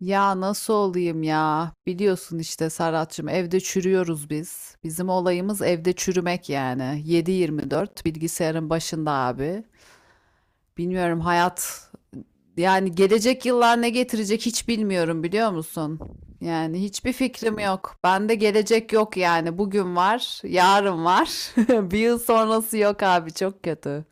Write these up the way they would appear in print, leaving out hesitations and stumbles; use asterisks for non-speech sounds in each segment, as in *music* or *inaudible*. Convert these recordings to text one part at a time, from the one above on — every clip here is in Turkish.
Ya nasıl olayım ya? Biliyorsun işte Serhat'cığım evde çürüyoruz biz. Bizim olayımız evde çürümek yani. 7/24 bilgisayarın başında abi. Bilmiyorum hayat yani gelecek yıllar ne getirecek hiç bilmiyorum biliyor musun? Yani hiçbir fikrim yok. Bende gelecek yok yani. Bugün var, yarın var. *laughs* Bir yıl sonrası yok abi çok kötü.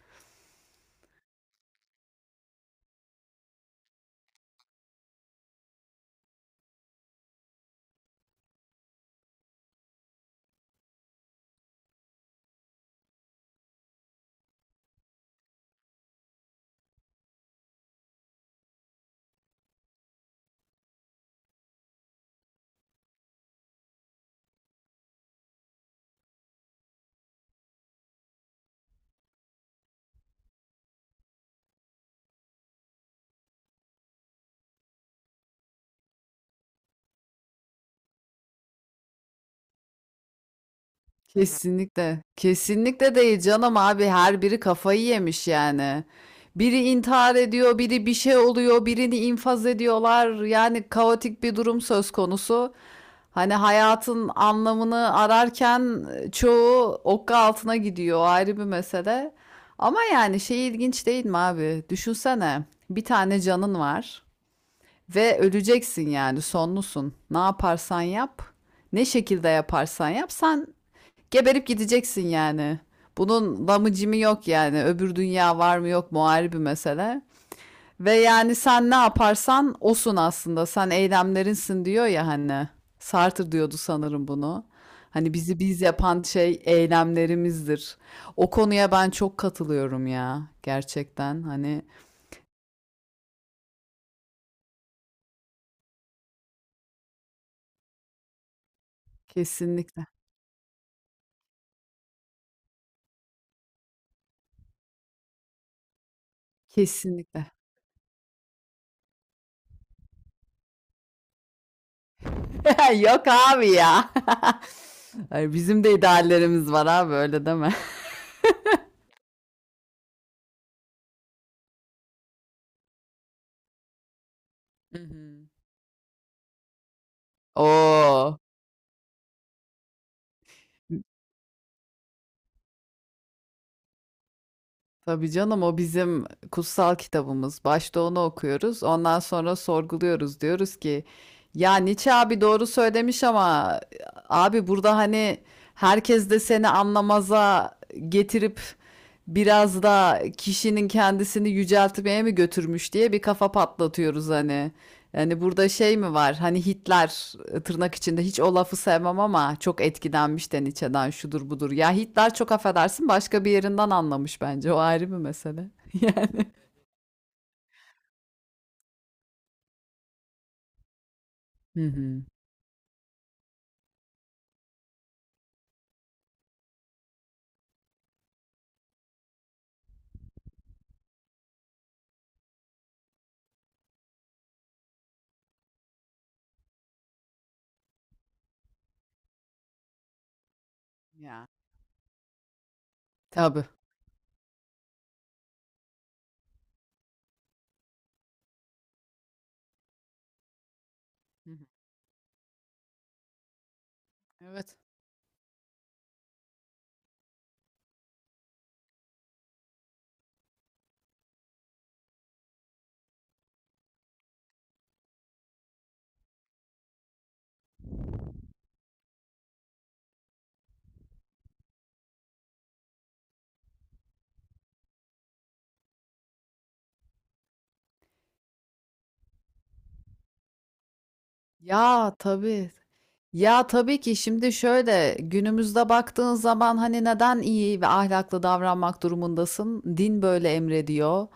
Kesinlikle. Kesinlikle değil canım abi. Her biri kafayı yemiş yani. Biri intihar ediyor, biri bir şey oluyor, birini infaz ediyorlar. Yani kaotik bir durum söz konusu. Hani hayatın anlamını ararken çoğu okka altına gidiyor. O ayrı bir mesele. Ama yani şey ilginç değil mi abi? Düşünsene. Bir tane canın var ve öleceksin yani sonlusun. Ne yaparsan yap, ne şekilde yaparsan yap sen geberip gideceksin yani. Bunun lamı cimi yok yani. Öbür dünya var mı yok mu ayrı bir mesele. Ve yani sen ne yaparsan osun aslında. Sen eylemlerinsin diyor ya hani. Sartre diyordu sanırım bunu. Hani bizi biz yapan şey eylemlerimizdir. O konuya ben çok katılıyorum ya. Gerçekten hani kesinlikle. Kesinlikle. *laughs* Yok abi ya. *laughs* Ay, bizim de ideallerimiz var abi öyle deme. *laughs* Hı hı. Oo. Tabii canım o bizim kutsal kitabımız. Başta onu okuyoruz. Ondan sonra sorguluyoruz. Diyoruz ki ya Nietzsche abi doğru söylemiş ama abi burada hani herkes de seni anlamaza getirip biraz da kişinin kendisini yüceltmeye mi götürmüş diye bir kafa patlatıyoruz hani. Yani burada şey mi var? Hani Hitler tırnak içinde hiç o lafı sevmem ama çok etkilenmiş de Nietzsche'den şudur budur. Ya Hitler çok affedersin başka bir yerinden anlamış bence. O ayrı bir mesele. *laughs* Yani. Hı hı. Ya. Tabii. Hı hı. Evet. Ya tabii. Ya tabii ki şimdi şöyle günümüzde baktığın zaman hani neden iyi ve ahlaklı davranmak durumundasın? Din böyle emrediyor.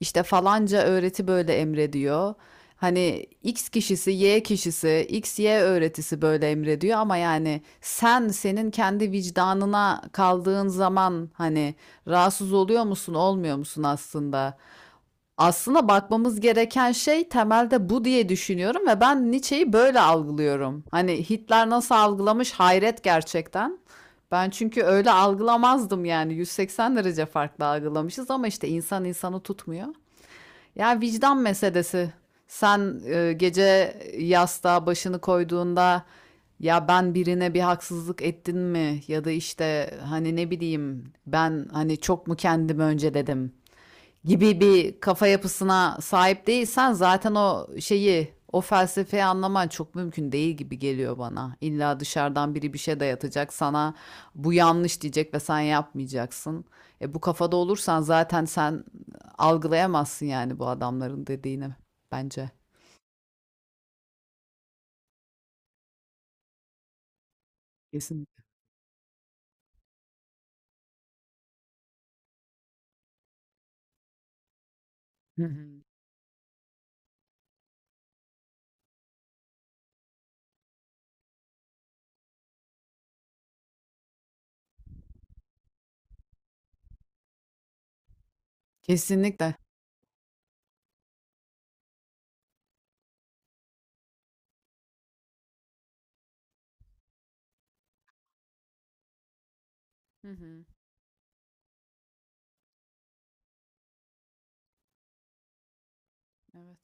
İşte falanca öğreti böyle emrediyor. Hani X kişisi, Y kişisi, X, Y öğretisi böyle emrediyor ama yani sen senin kendi vicdanına kaldığın zaman hani rahatsız oluyor musun, olmuyor musun aslında? Aslında bakmamız gereken şey temelde bu diye düşünüyorum ve ben Nietzsche'yi böyle algılıyorum. Hani Hitler nasıl algılamış hayret gerçekten. Ben çünkü öyle algılamazdım yani 180 derece farklı algılamışız ama işte insan insanı tutmuyor. Ya vicdan meselesi. Sen gece yastığa başını koyduğunda ya ben birine bir haksızlık ettin mi? Ya da işte hani ne bileyim ben hani çok mu kendimi önce dedim, gibi bir kafa yapısına sahip değilsen zaten o şeyi, o felsefeyi anlaman çok mümkün değil gibi geliyor bana. İlla dışarıdan biri bir şey dayatacak sana bu yanlış diyecek ve sen yapmayacaksın. E bu kafada olursan zaten sen algılayamazsın yani bu adamların dediğini bence. Kesinlikle. Hı hı. Kesinlikle. Hı hı. Evet.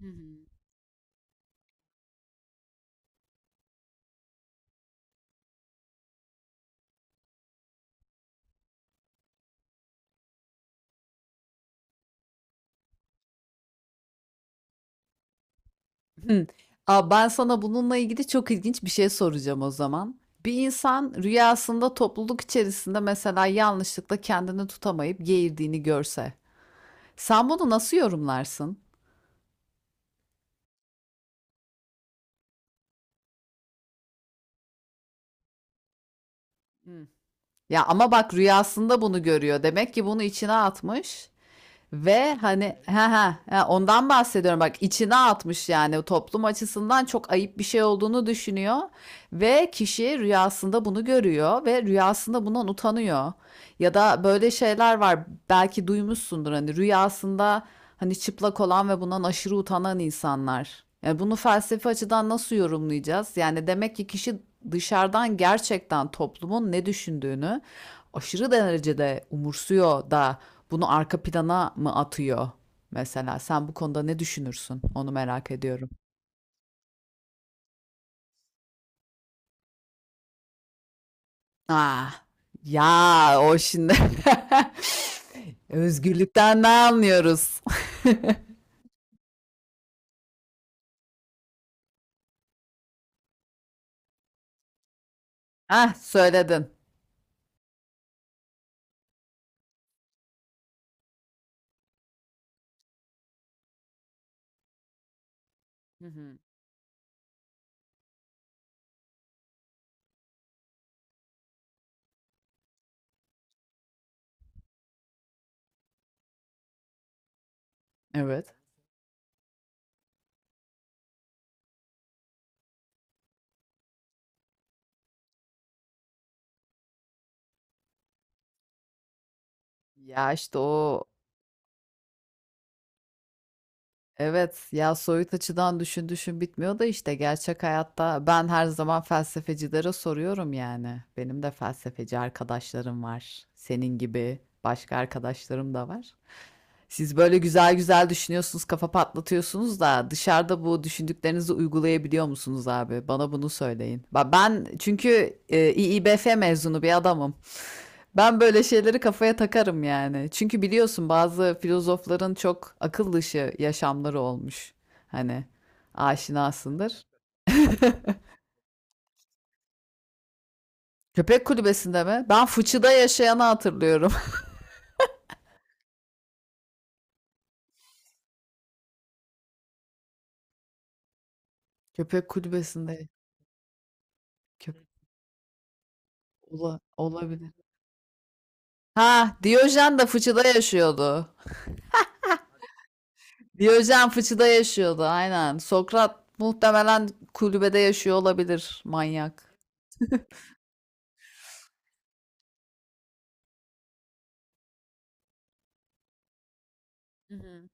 Hı hı. Hı. Aa, ben sana bununla ilgili çok ilginç bir şey soracağım o zaman. Bir insan rüyasında topluluk içerisinde mesela yanlışlıkla kendini tutamayıp geğirdiğini görse, sen bunu nasıl yorumlarsın? Hı. Ya ama bak rüyasında bunu görüyor. Demek ki bunu içine atmış. Ve hani ha ha ha, ondan bahsediyorum bak içine atmış yani o toplum açısından çok ayıp bir şey olduğunu düşünüyor ve kişi rüyasında bunu görüyor ve rüyasında bundan utanıyor. Ya da böyle şeyler var belki duymuşsundur hani rüyasında hani çıplak olan ve bundan aşırı utanan insanlar. Yani bunu felsefi açıdan nasıl yorumlayacağız? Yani demek ki kişi dışarıdan gerçekten toplumun ne düşündüğünü aşırı derecede umursuyor da bunu arka plana mı atıyor mesela? Sen bu konuda ne düşünürsün? Onu merak ediyorum. Ah, ya o şimdi *laughs* özgürlükten ne anlıyoruz? Ah, söyledin. Hı hı. Evet. Ya işte o evet ya soyut açıdan düşün düşün bitmiyor da işte gerçek hayatta ben her zaman felsefecilere soruyorum yani. Benim de felsefeci arkadaşlarım var. Senin gibi başka arkadaşlarım da var. Siz böyle güzel güzel düşünüyorsunuz, kafa patlatıyorsunuz da dışarıda bu düşündüklerinizi uygulayabiliyor musunuz abi? Bana bunu söyleyin. Ben çünkü İİBF mezunu bir adamım. Ben böyle şeyleri kafaya takarım yani. Çünkü biliyorsun bazı filozofların çok akıl dışı yaşamları olmuş. Hani aşinasındır. Köpek kulübesinde mi? Ben fıçıda yaşayanı hatırlıyorum. *laughs* Köpek kulübesinde. Köpek Olabilir. Ha, Diyojen de fıçıda yaşıyordu. Diyojen fıçıda yaşıyordu aynen. Sokrat muhtemelen kulübede yaşıyor olabilir manyak. Hı hı.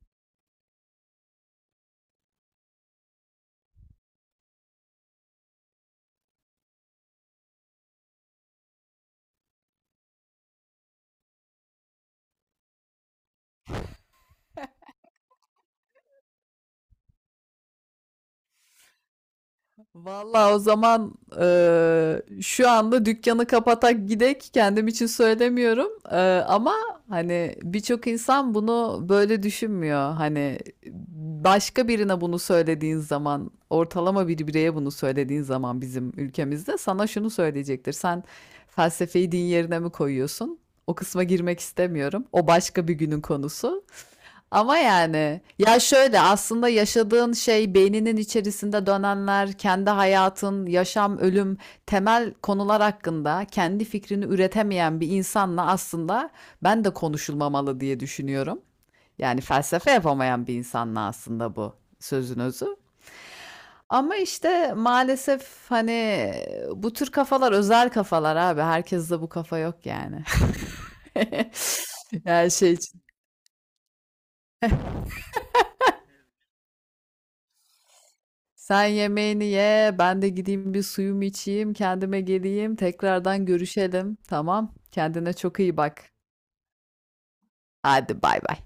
Vallahi o zaman şu anda dükkanı kapatak gidek kendim için söylemiyorum. Ama hani birçok insan bunu böyle düşünmüyor hani başka birine bunu söylediğin zaman ortalama bir bireye bunu söylediğin zaman bizim ülkemizde sana şunu söyleyecektir: sen felsefeyi din yerine mi koyuyorsun? O kısma girmek istemiyorum, o başka bir günün konusu. Ama yani ya şöyle aslında yaşadığın şey beyninin içerisinde dönenler, kendi hayatın, yaşam, ölüm, temel konular hakkında kendi fikrini üretemeyen bir insanla aslında ben de konuşulmamalı diye düşünüyorum. Yani felsefe yapamayan bir insanla aslında bu sözün özü. Ama işte maalesef hani bu tür kafalar özel kafalar abi. Herkes de bu kafa yok yani. *laughs* Her şey. Sen yemeğini ye, ben de gideyim bir suyumu içeyim, kendime geleyim, tekrardan görüşelim. Tamam? Kendine çok iyi bak. Hadi bay bay.